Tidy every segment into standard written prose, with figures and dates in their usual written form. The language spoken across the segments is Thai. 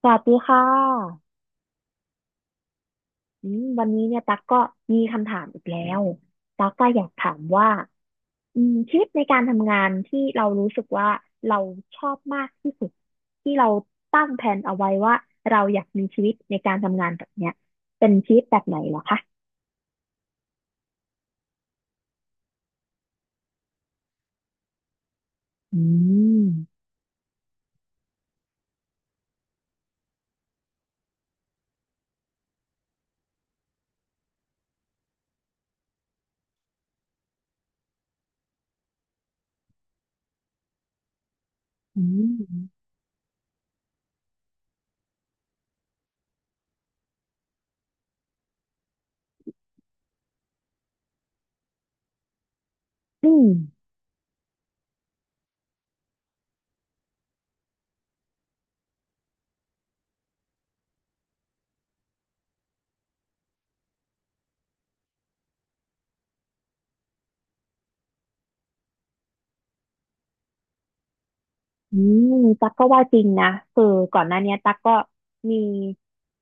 สวัสดีค่ะวันนี้เนี่ยตั๊กก็มีคำถามอีกแล้วตั๊กก็อยากถามว่าชีวิตในการทำงานที่เรารู้สึกว่าเราชอบมากที่สุดที่เราตั้งแผนเอาไว้ว่าเราอยากมีชีวิตในการทำงานแบบเนี้ยเป็นชีวิตแบบไหนเหรอคะอืมอืมอืม อืมตั๊กก็ว่าจริงนะคือก่อนหน้าเนี้ยตั๊กก็มี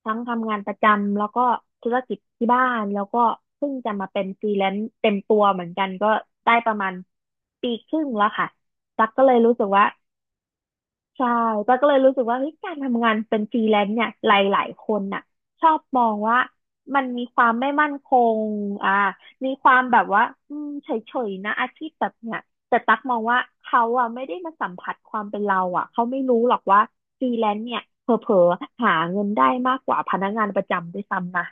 ทั้งทำงานประจำแล้วก็ธุรกิจที่บ้านแล้วก็เพิ่งจะมาเป็นฟรีแลนซ์เต็มตัวเหมือนกันก็ได้ประมาณปีครึ่งแล้วค่ะตั๊กก็เลยรู้สึกว่า ใช่ป้าก็เลยรู้สึกว่าเฮ้ยการทำงานเป็นฟรีแลนซ์เนี่ยหลายๆคนน่ะชอบมองว่ามันมีความไม่มั่นคงอ่ามีความแบบว่าเฉยๆนะอาชีพแบบเนี้ยแต่ตักมองว่าเขาอ่ะไม่ได้มาสัมผัสความเป็นเราอ่ะเขาไม่รู้หรอกว่าฟรีแลนซ์เนี่ยเผลอๆหาเงินได้มากกว่าพนักงานประจำด้วยซ้ำนะ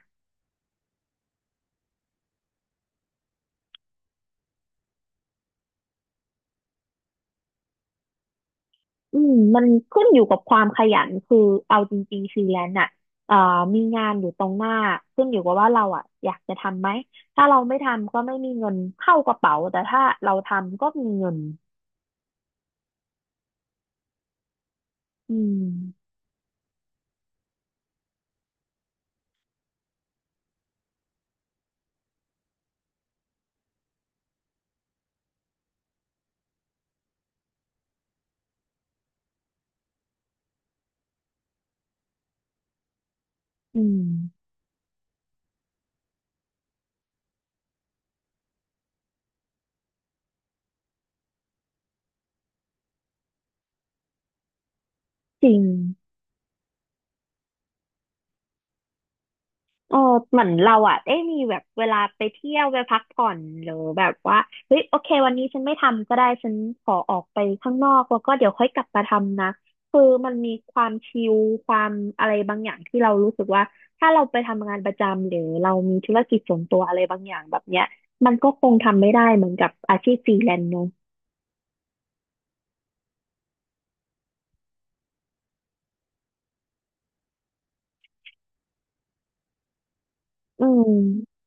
มันขึ้นอยู่กับความขยันคือเอาจริงๆฟรีแลนซ์อ่ะเอ่อมีงานอยู่ตรงหน้า ขึ้นอยู่กับว่าเราอ่ะอยากจะทำไหม ถ้าเราไม่ทำก็ไม่มีเงินเข้ากระเป๋า แต่ถ้าเราทำก็มีเงินอืมอืมจริง เออเหมือนเราอ่ะได้มีแบบเวลาไปเที่ยวไปพักผ่อนหรือแบบว่าเฮ้ยโอเควันนี้ฉันไม่ทำก็ได้ฉันขอออกไปข้างนอกแล้วก็เดี๋ยวค่อยกลับมาทำนะคือมันมีความชิลความอะไรบางอย่างที่เรารู้สึกว่าถ้าเราไปทำงานประจำหรือเรามีธุรกิจส่วนตัวอะไรบางอย่างแบบเนี้ยมันก็คงทำไม่ได้เหมือนกับอาชีพฟรีแลนซ์เนอะอืม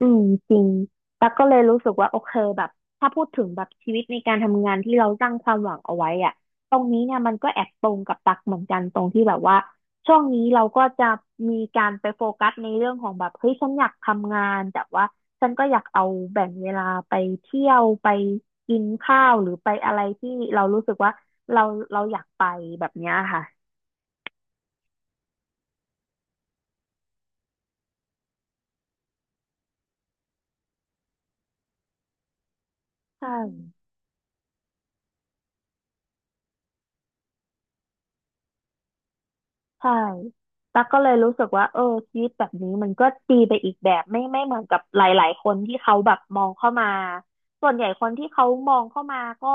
อืมจริงตั๊กก็เลยรู้สึกว่าโอเคแบบถ้าพูดถึงแบบชีวิตในการทำงานที่เราตั้งความหวังเอาไว้อะตรงนี้เนี่ยมันก็แอบตรงกับตักเหมือนกันตรงที่แบบว่าช่วงนี้เราก็จะมีการไปโฟกัสในเรื่องของแบบเฮ้ยฉันอยากทำงานแต่ว่าฉันก็อยากเอาแบ่งเวลาไปเที่ยวไปกินข้าวหรือไปอะไรที่เรารู้สึกว่าเราเราอยากไปแบบเนี้ยค่ะใช่ ใช่ตั๊กก็เลยรู้สึกว่าเออชีวิตแบบนี้มันก็ดีไปอีกแบบไม่เหมือนกับหลายๆคนที่เขาแบบมองเข้ามาส่วนใหญ่คนที่เขามองเข้ามาก็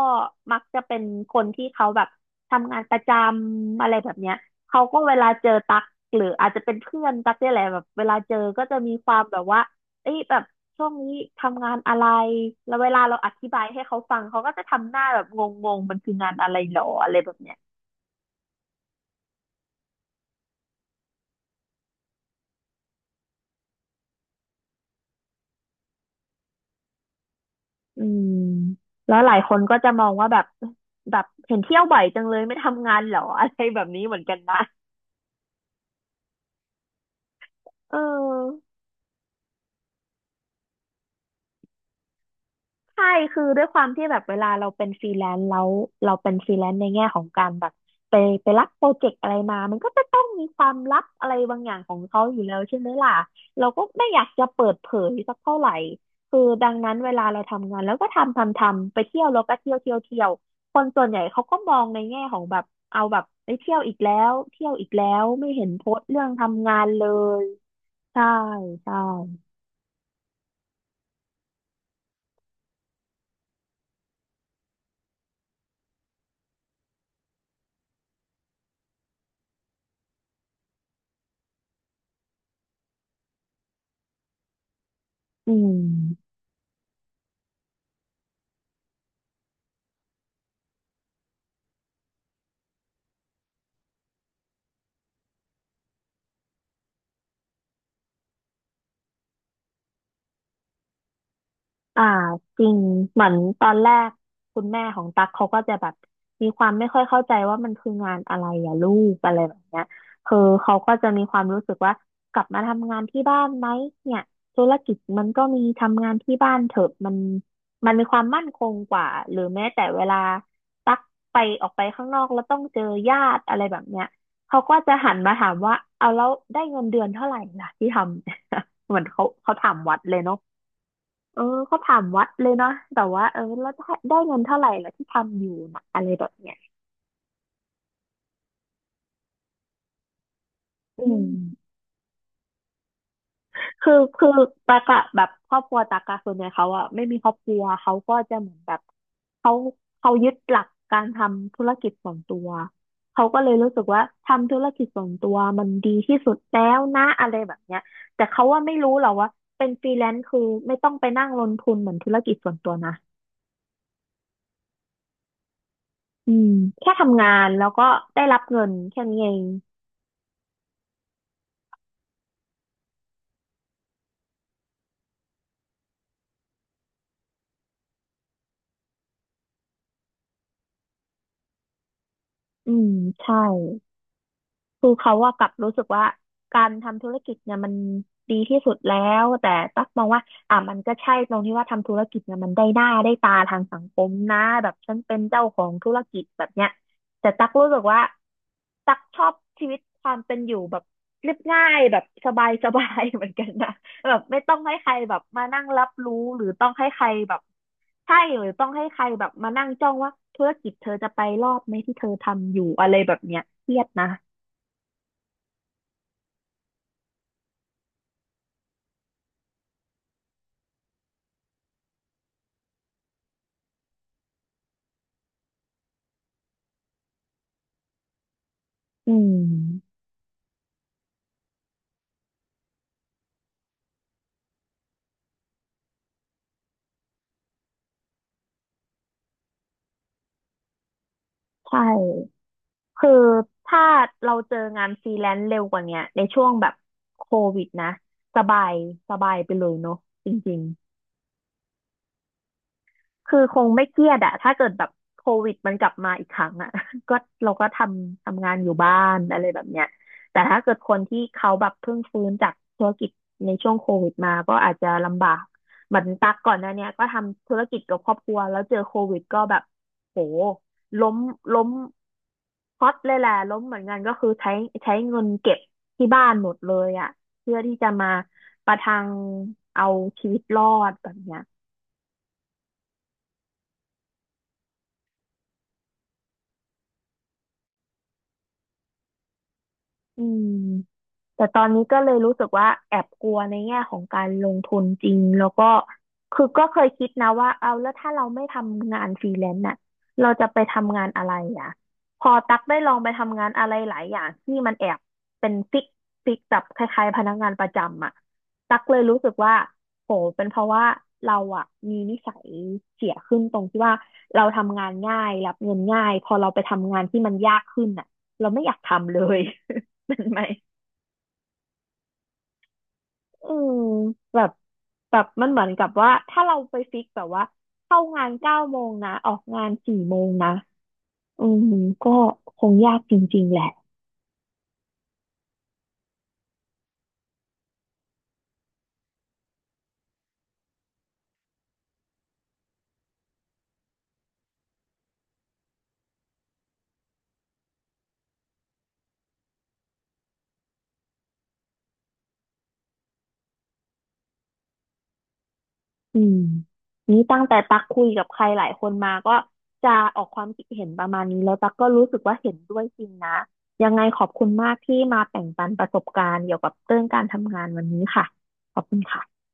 มักจะเป็นคนที่เขาแบบทำงานประจำอะไรแบบเนี้ยเขาก็เวลาเจอตั๊กหรืออาจจะเป็นเพื่อนตั๊กเนี่ยแหละแบบเวลาเจอก็จะมีความแบบว่าเอ้ยแบบช่วงนี้ทำงานอะไรแล้วเวลาเราอธิบายให้เขาฟังเขาก็จะทำหน้าแบบงงๆมันคืองานอะไรหรออะไรแบบเนี้ย อืมแล้วหลายคนก็จะมองว่าแบบเห็นเที่ยวบ่อยจังเลยไม่ทำงานเหรออะไรแบบนี้เหมือนกันนะเออ ใช่ คือด้วยความที่แบบเวลาเราเป็นฟรีแลนซ์แล้วเราเป็นฟรีแลนซ์ในแง่ของการแบบไปไปรับโปรเจกต์อะไรมามันก็จะต้องมีความลับอะไรบางอย่างของเขาอยู่แล้วใช่ไหมล่ะเราก็ไม่อยากจะเปิดเผยสักเท่าไหร่คือดังนั้นเวลาเราทำงานแล้วก็ทำทำทำไปเที่ยวแล้วก็เที่ยวเที่ยวเที่ยวคนส่วนใหญ่เขาก็มองในแง่ของแบบเอาแบบไปเที่ยวอีกแล้วเที่ยวอีกแล้วไม่เห็นโพสต์เรื่องทำงานเลยใช่ใช่อืม อ่าจริงเหมือนตอนแรกคุณแม่ของตั๊กเขาก็จะแบบมีความไม่ค่อยเข้าใจว่ามันคืองานอะไรอะลูกอะไรแบบเนี้ยคือเขาก็จะมีความรู้สึกว่ากลับมาทำงานที่บ้านไหมเนี่ยธุรกิจมันก็มีทำงานที่บ้านเถอะมันมันมีความมั่นคงกว่าหรือแม้แต่เวลาตั๊กไปออกไปข้างนอกแล้วต้องเจอญาติอะไรแบบเนี้ยเขาก็จะหันมาถามว่าเอาแล้วได้เงินเดือนเท่าไหร่ล่ะที่ทำ เหมือนเขาถามวัดเลยเนาะ เออเขาถามวัดเลยเนาะแต่ว่าแล้วได้เงินเท่าไหร่แล้วที่ทำอยู่นะอะไรแบบเนี้ยอืมคือตากะแบบครอบครัวตากะส่วนใหญ่เขาอะไม่มีครอบครัวเขาก็จะเหมือนแบบเขาเขายึดหลักการทำธุรกิจส่วนตัวเขาก็เลยรู้สึกว่าทำธุรกิจส่วนตัวมันดีที่สุดแล้วนะอะไรแบบเนี้ยแต่เขาว่าไม่รู้หรอกว่าเป็นฟรีแลนซ์คือไม่ต้องไปนั่งลงทุนเหมือนธุรกิจส่วนตัวนะอืมแค่ทำงานแล้วก็ได้รับเงินแค่นี้เอง อืมใช่คือเขาว่ากลับรู้สึกว่าการทำธุรกิจเนี่ยมันดีที่สุดแล้วแต่ตั๊กมองว่าอ่ะมันก็ใช่ตรงที่ว่าทำธุรกิจเนี่ยมันได้หน้าได้ตาทางสังคมนะแบบฉันเป็นเจ้าของธุรกิจแบบเนี้ยแต่ตั๊กรู้สึกว่า ตักชอบชีวิตความเป็นอยู่แบบเรียบง่ายแบบสบายสบายเหมือนกันนะ แบบไม่ต้องให้ใครแบบมานั่งรับรู้หรือต้องให้ใครแบบใช่หรือต้องให้ใครแบบมานั่งจ้องว่าธุรกิจเธอจะไปรอดไหมที่เธอทำอยู่อะไรแบบเนี้ยเครียดนะอืมใช่คือถ้าเราเจองานฟรีแลนซ์เร็วกว่าเนี้ยในช่วงแบบโควิดนะสบายสบายไปเลยเนาะจริง คือคงไม่เครียดอะถ้าเกิดแบบโควิดมันกลับมาอีกครั้งอะ ก็เราก็ทำงานอยู่บ้านอะไรแบบเนี้ยแต่ถ้าเกิดคนที่เขาแบบเพิ่งฟื้นจากธุรกิจในช่วงโควิดมาก็อาจจะลำบากเหมือนตักก่อนหน้าเนี้ยก็ทำธุรกิจกับครอบครัวแล้วเจอโควิดก็แบบโหล้มล้มพอตเลยแหละล้มเหมือนกันก็คือใช้เงินเก็บที่บ้านหมดเลยอะเพื่อที่จะมาประทังเอาชีวิตรอดแบบเนี้ย อืมแต่ตอนนี้ก็เลยรู้สึกว่าแอบกลัวในแง่ของการลงทุนจริงแล้วก็คือก็เคยคิดนะว่าเอาแล้วถ้าเราไม่ทำงานฟรีแลนซ์น่ะเราจะไปทำงานอะไรอ่ะพอตักได้ลองไปทำงานอะไรหลายอย่างที่มันแอบเป็นฟิกฟิกแบบคล้ายๆพนักงานประจำอ่ะตักเลยรู้สึกว่าโหเป็นเพราะว่าเราอ่ะมีนิสัยเสียขึ้นตรงที่ว่าเราทำงานง่ายรับเงินง่ายพอเราไปทำงานที่มันยากขึ้นอ่ะเราไม่อยากทำเลย เป็นไหมอืมแบบแบบมันเหมือนกับว่า ถ้าเราไปฟิกแบบว่า เข้างาน9 โมงนะ ออกงาน4 โมงนะอืมก็คงยากจริงๆแหละอืมนี้ตั้งแต่ตักคุยกับใครหลายคนมาก็จะออกความคิดเห็นประมาณนี้แล้วตักก็รู้สึกว่าเห็นด้วยจริงนะ ยังไงขอบคุณมากที่มาแบ่งปันประสบการณ์เกี่ยวกับเรื่องการทำงานวันนี้ค่ะ ขอบคุณค่ะ